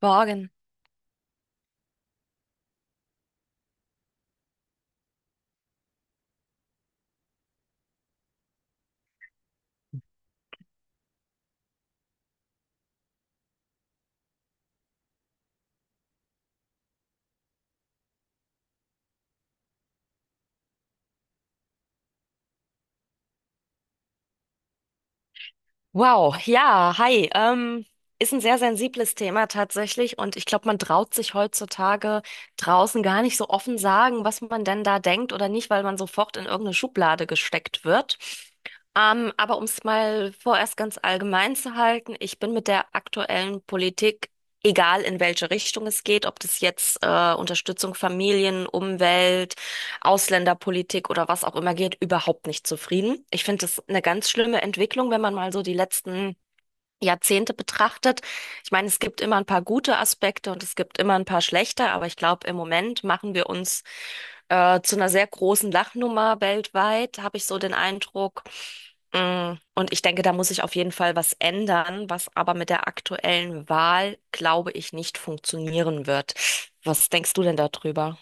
Morgen. Wow, ja, hi. Ist ein sehr sensibles Thema tatsächlich und ich glaube, man traut sich heutzutage draußen gar nicht so offen sagen, was man denn da denkt oder nicht, weil man sofort in irgendeine Schublade gesteckt wird. Aber um es mal vorerst ganz allgemein zu halten, ich bin mit der aktuellen Politik, egal in welche Richtung es geht, ob das jetzt Unterstützung Familien, Umwelt, Ausländerpolitik oder was auch immer geht, überhaupt nicht zufrieden. Ich finde das eine ganz schlimme Entwicklung, wenn man mal so die letzten Jahrzehnte betrachtet. Ich meine, es gibt immer ein paar gute Aspekte und es gibt immer ein paar schlechte, aber ich glaube, im Moment machen wir uns zu einer sehr großen Lachnummer weltweit, habe ich so den Eindruck. Und ich denke, da muss sich auf jeden Fall was ändern, was aber mit der aktuellen Wahl, glaube ich, nicht funktionieren wird. Was denkst du denn darüber?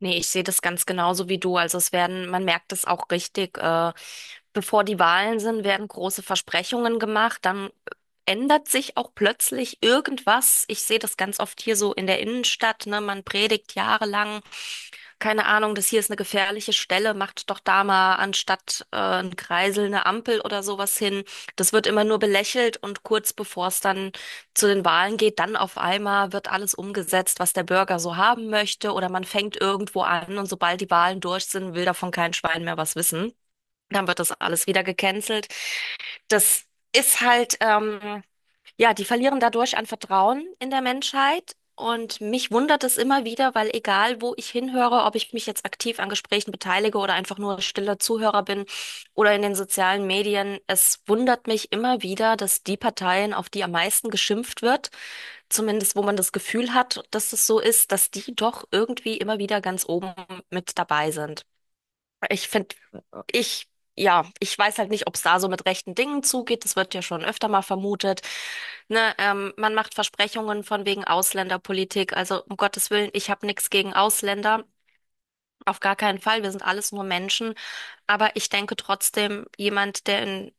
Nee, ich sehe das ganz genauso wie du. Also es werden, man merkt es auch richtig, bevor die Wahlen sind, werden große Versprechungen gemacht, dann ändert sich auch plötzlich irgendwas. Ich sehe das ganz oft hier so in der Innenstadt, ne? Man predigt jahrelang keine Ahnung, das hier ist eine gefährliche Stelle, macht doch da mal anstatt ein Kreisel eine Ampel oder sowas hin. Das wird immer nur belächelt und kurz bevor es dann zu den Wahlen geht, dann auf einmal wird alles umgesetzt, was der Bürger so haben möchte oder man fängt irgendwo an und sobald die Wahlen durch sind, will davon kein Schwein mehr was wissen. Dann wird das alles wieder gecancelt. Das ist halt, ja, die verlieren dadurch an Vertrauen in der Menschheit. Und mich wundert es immer wieder, weil egal, wo ich hinhöre, ob ich mich jetzt aktiv an Gesprächen beteilige oder einfach nur stiller Zuhörer bin oder in den sozialen Medien, es wundert mich immer wieder, dass die Parteien, auf die am meisten geschimpft wird, zumindest wo man das Gefühl hat, dass es so ist, dass die doch irgendwie immer wieder ganz oben mit dabei sind. Ich finde, ich, ja, ich weiß halt nicht, ob es da so mit rechten Dingen zugeht. Das wird ja schon öfter mal vermutet. Ne, man macht Versprechungen von wegen Ausländerpolitik. Also um Gottes Willen, ich habe nichts gegen Ausländer. Auf gar keinen Fall. Wir sind alles nur Menschen. Aber ich denke trotzdem, jemand, der in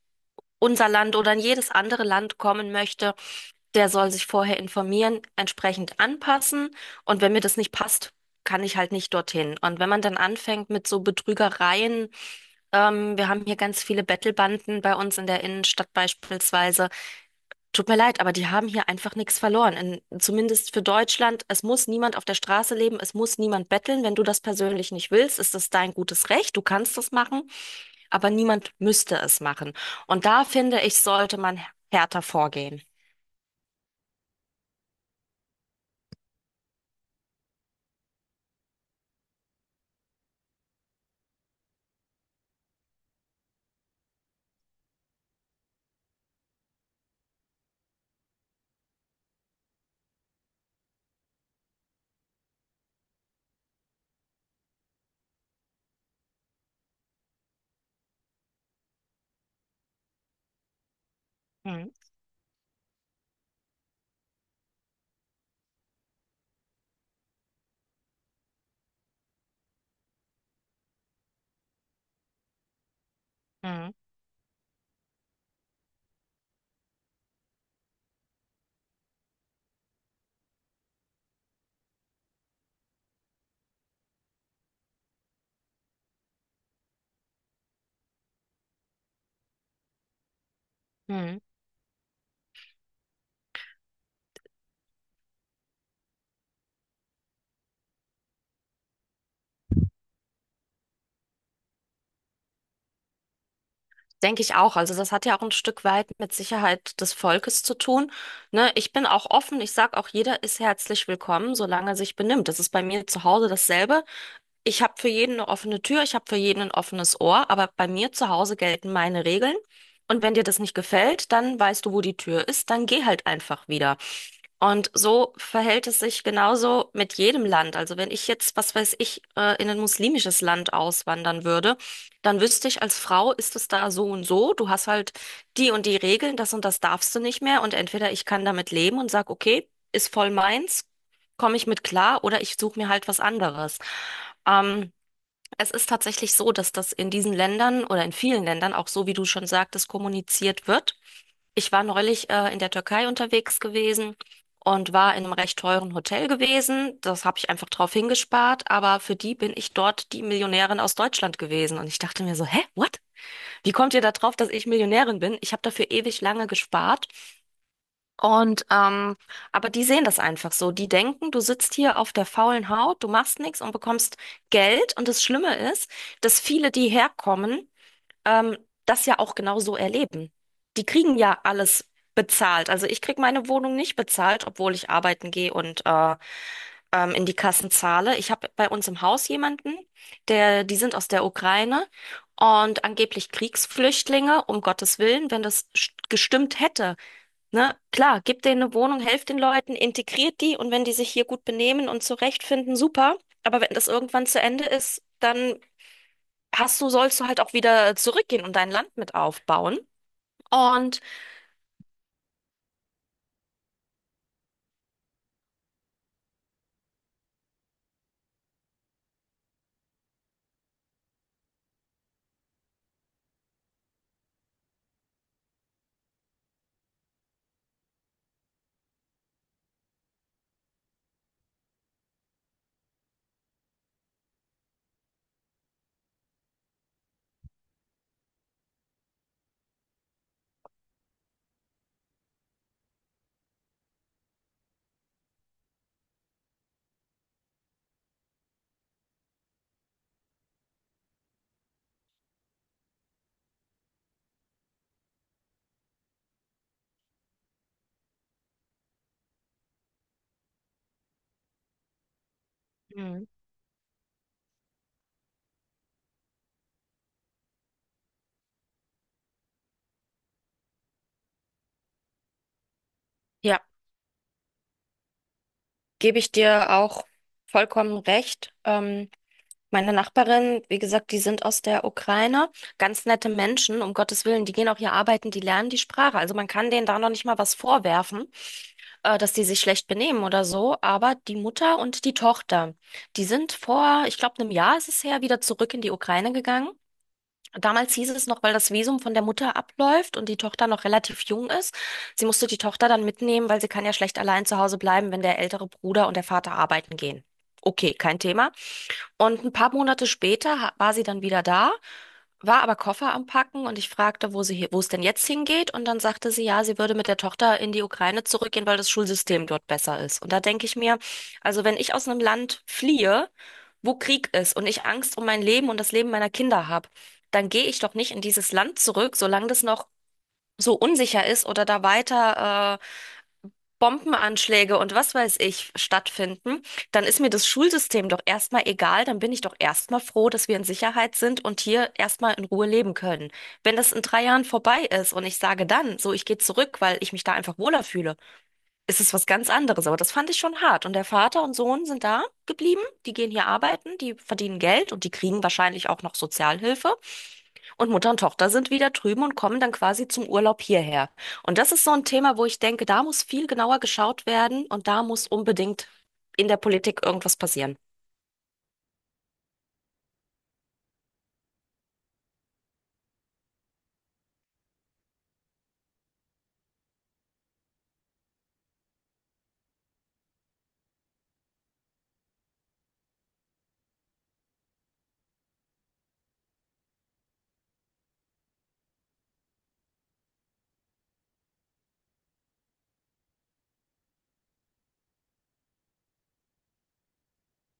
unser Land oder in jedes andere Land kommen möchte, der soll sich vorher informieren, entsprechend anpassen. Und wenn mir das nicht passt, kann ich halt nicht dorthin. Und wenn man dann anfängt mit so Betrügereien, wir haben hier ganz viele Bettelbanden bei uns in der Innenstadt beispielsweise. Tut mir leid, aber die haben hier einfach nichts verloren. Zumindest für Deutschland. Es muss niemand auf der Straße leben, es muss niemand betteln. Wenn du das persönlich nicht willst, ist das dein gutes Recht. Du kannst das machen, aber niemand müsste es machen. Und da finde ich, sollte man härter vorgehen. Hm, hm, hm. Denke ich auch. Also das hat ja auch ein Stück weit mit Sicherheit des Volkes zu tun. Ne, ich bin auch offen. Ich sage auch, jeder ist herzlich willkommen, solange er sich benimmt. Das ist bei mir zu Hause dasselbe. Ich habe für jeden eine offene Tür, ich habe für jeden ein offenes Ohr, aber bei mir zu Hause gelten meine Regeln. Und wenn dir das nicht gefällt, dann weißt du, wo die Tür ist, dann geh halt einfach wieder. Und so verhält es sich genauso mit jedem Land. Also wenn ich jetzt, was weiß ich, in ein muslimisches Land auswandern würde, dann wüsste ich, als Frau ist es da so und so. Du hast halt die und die Regeln, das und das darfst du nicht mehr. Und entweder ich kann damit leben und sag, okay, ist voll meins, komme ich mit klar, oder ich suche mir halt was anderes. Ähm, Es ist tatsächlich so, dass das in diesen Ländern oder in vielen Ländern auch so, wie du schon sagtest, kommuniziert wird. Ich war neulich in der Türkei unterwegs gewesen und war in einem recht teuren Hotel gewesen. Das habe ich einfach drauf hingespart, aber für die bin ich dort die Millionärin aus Deutschland gewesen. Und ich dachte mir so, hä, what? Wie kommt ihr da drauf, dass ich Millionärin bin? Ich habe dafür ewig lange gespart. Und aber die sehen das einfach so. Die denken, du sitzt hier auf der faulen Haut, du machst nichts und bekommst Geld. Und das Schlimme ist, dass viele, die herkommen, ähm, das ja auch genau so erleben. Die kriegen ja alles bezahlt. Also ich krieg meine Wohnung nicht bezahlt, obwohl ich arbeiten gehe und in die Kassen zahle. Ich habe bei uns im Haus jemanden, der, die sind aus der Ukraine und angeblich Kriegsflüchtlinge, um Gottes Willen, wenn das gestimmt hätte. Ne? Klar, gebt denen eine Wohnung, helft den Leuten, integriert die und wenn die sich hier gut benehmen und zurechtfinden, super. Aber wenn das irgendwann zu Ende ist, dann sollst du halt auch wieder zurückgehen und dein Land mit aufbauen. Und Mhm. Ja, gebe ich dir auch vollkommen recht. Meine Nachbarin, wie gesagt, die sind aus der Ukraine, ganz nette Menschen, um Gottes Willen, die gehen auch hier arbeiten, die lernen die Sprache. Also man kann denen da noch nicht mal was vorwerfen, dass die sich schlecht benehmen oder so, aber die Mutter und die Tochter, die sind vor, ich glaube, einem Jahr ist es her, wieder zurück in die Ukraine gegangen. Damals hieß es noch, weil das Visum von der Mutter abläuft und die Tochter noch relativ jung ist. Sie musste die Tochter dann mitnehmen, weil sie kann ja schlecht allein zu Hause bleiben, wenn der ältere Bruder und der Vater arbeiten gehen. Okay, kein Thema. Und ein paar Monate später war sie dann wieder da, war aber Koffer am Packen und ich fragte, wo es denn jetzt hingeht. Und dann sagte sie, ja, sie würde mit der Tochter in die Ukraine zurückgehen, weil das Schulsystem dort besser ist. Und da denke ich mir, also wenn ich aus einem Land fliehe, wo Krieg ist und ich Angst um mein Leben und das Leben meiner Kinder habe, dann gehe ich doch nicht in dieses Land zurück, solange das noch so unsicher ist oder da weiter Bombenanschläge und was weiß ich stattfinden, dann ist mir das Schulsystem doch erstmal egal, dann bin ich doch erstmal froh, dass wir in Sicherheit sind und hier erstmal in Ruhe leben können. Wenn das in 3 Jahren vorbei ist und ich sage dann, so ich gehe zurück, weil ich mich da einfach wohler fühle, ist es was ganz anderes. Aber das fand ich schon hart. Und der Vater und Sohn sind da geblieben. Die gehen hier arbeiten, die verdienen Geld und die kriegen wahrscheinlich auch noch Sozialhilfe. Und Mutter und Tochter sind wieder drüben und kommen dann quasi zum Urlaub hierher. Und das ist so ein Thema, wo ich denke, da muss viel genauer geschaut werden und da muss unbedingt in der Politik irgendwas passieren.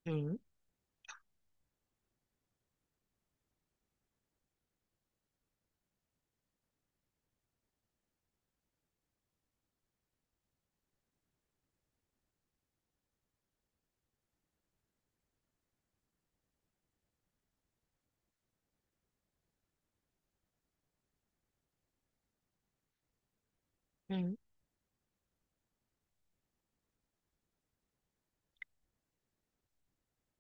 Mhm. Mhm.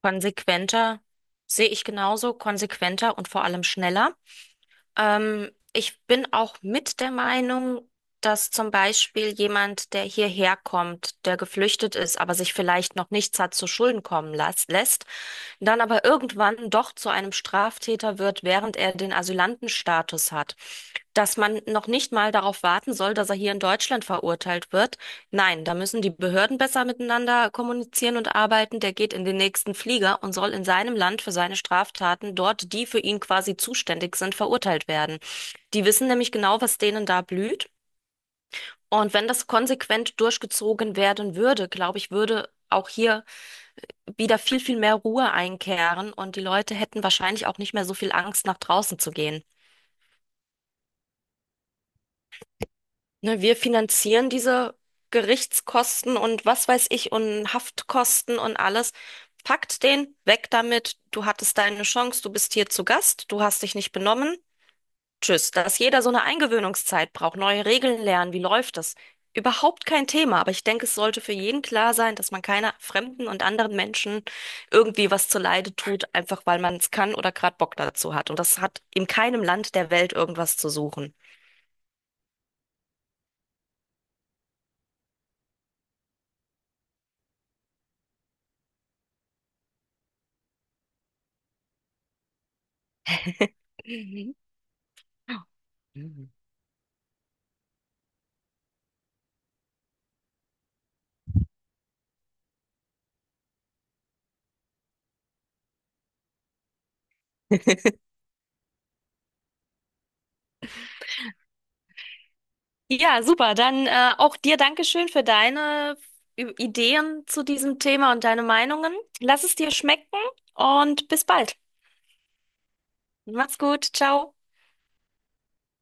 Konsequenter sehe ich genauso, konsequenter und vor allem schneller. Ich bin auch mit der Meinung, dass zum Beispiel jemand, der hierher kommt, der geflüchtet ist, aber sich vielleicht noch nichts hat zu Schulden kommen lässt, dann aber irgendwann doch zu einem Straftäter wird, während er den Asylantenstatus hat. Dass man noch nicht mal darauf warten soll, dass er hier in Deutschland verurteilt wird. Nein, da müssen die Behörden besser miteinander kommunizieren und arbeiten. Der geht in den nächsten Flieger und soll in seinem Land für seine Straftaten dort, die für ihn quasi zuständig sind, verurteilt werden. Die wissen nämlich genau, was denen da blüht. Und wenn das konsequent durchgezogen werden würde, glaube ich, würde auch hier wieder viel, viel mehr Ruhe einkehren und die Leute hätten wahrscheinlich auch nicht mehr so viel Angst, nach draußen zu gehen. Ne, wir finanzieren diese Gerichtskosten und was weiß ich und Haftkosten und alles. Packt den, weg damit. Du hattest deine Chance, du bist hier zu Gast, du hast dich nicht benommen. Tschüss, dass jeder so eine Eingewöhnungszeit braucht, neue Regeln lernen, wie läuft das? Überhaupt kein Thema, aber ich denke, es sollte für jeden klar sein, dass man keiner fremden und anderen Menschen irgendwie was zuleide tut, einfach weil man es kann oder gerade Bock dazu hat. Und das hat in keinem Land der Welt irgendwas zu suchen. Mhm. Ja, super. Dann auch dir Dankeschön für deine Ideen zu diesem Thema und deine Meinungen. Lass es dir schmecken und bis bald. Mach's gut. Ciao.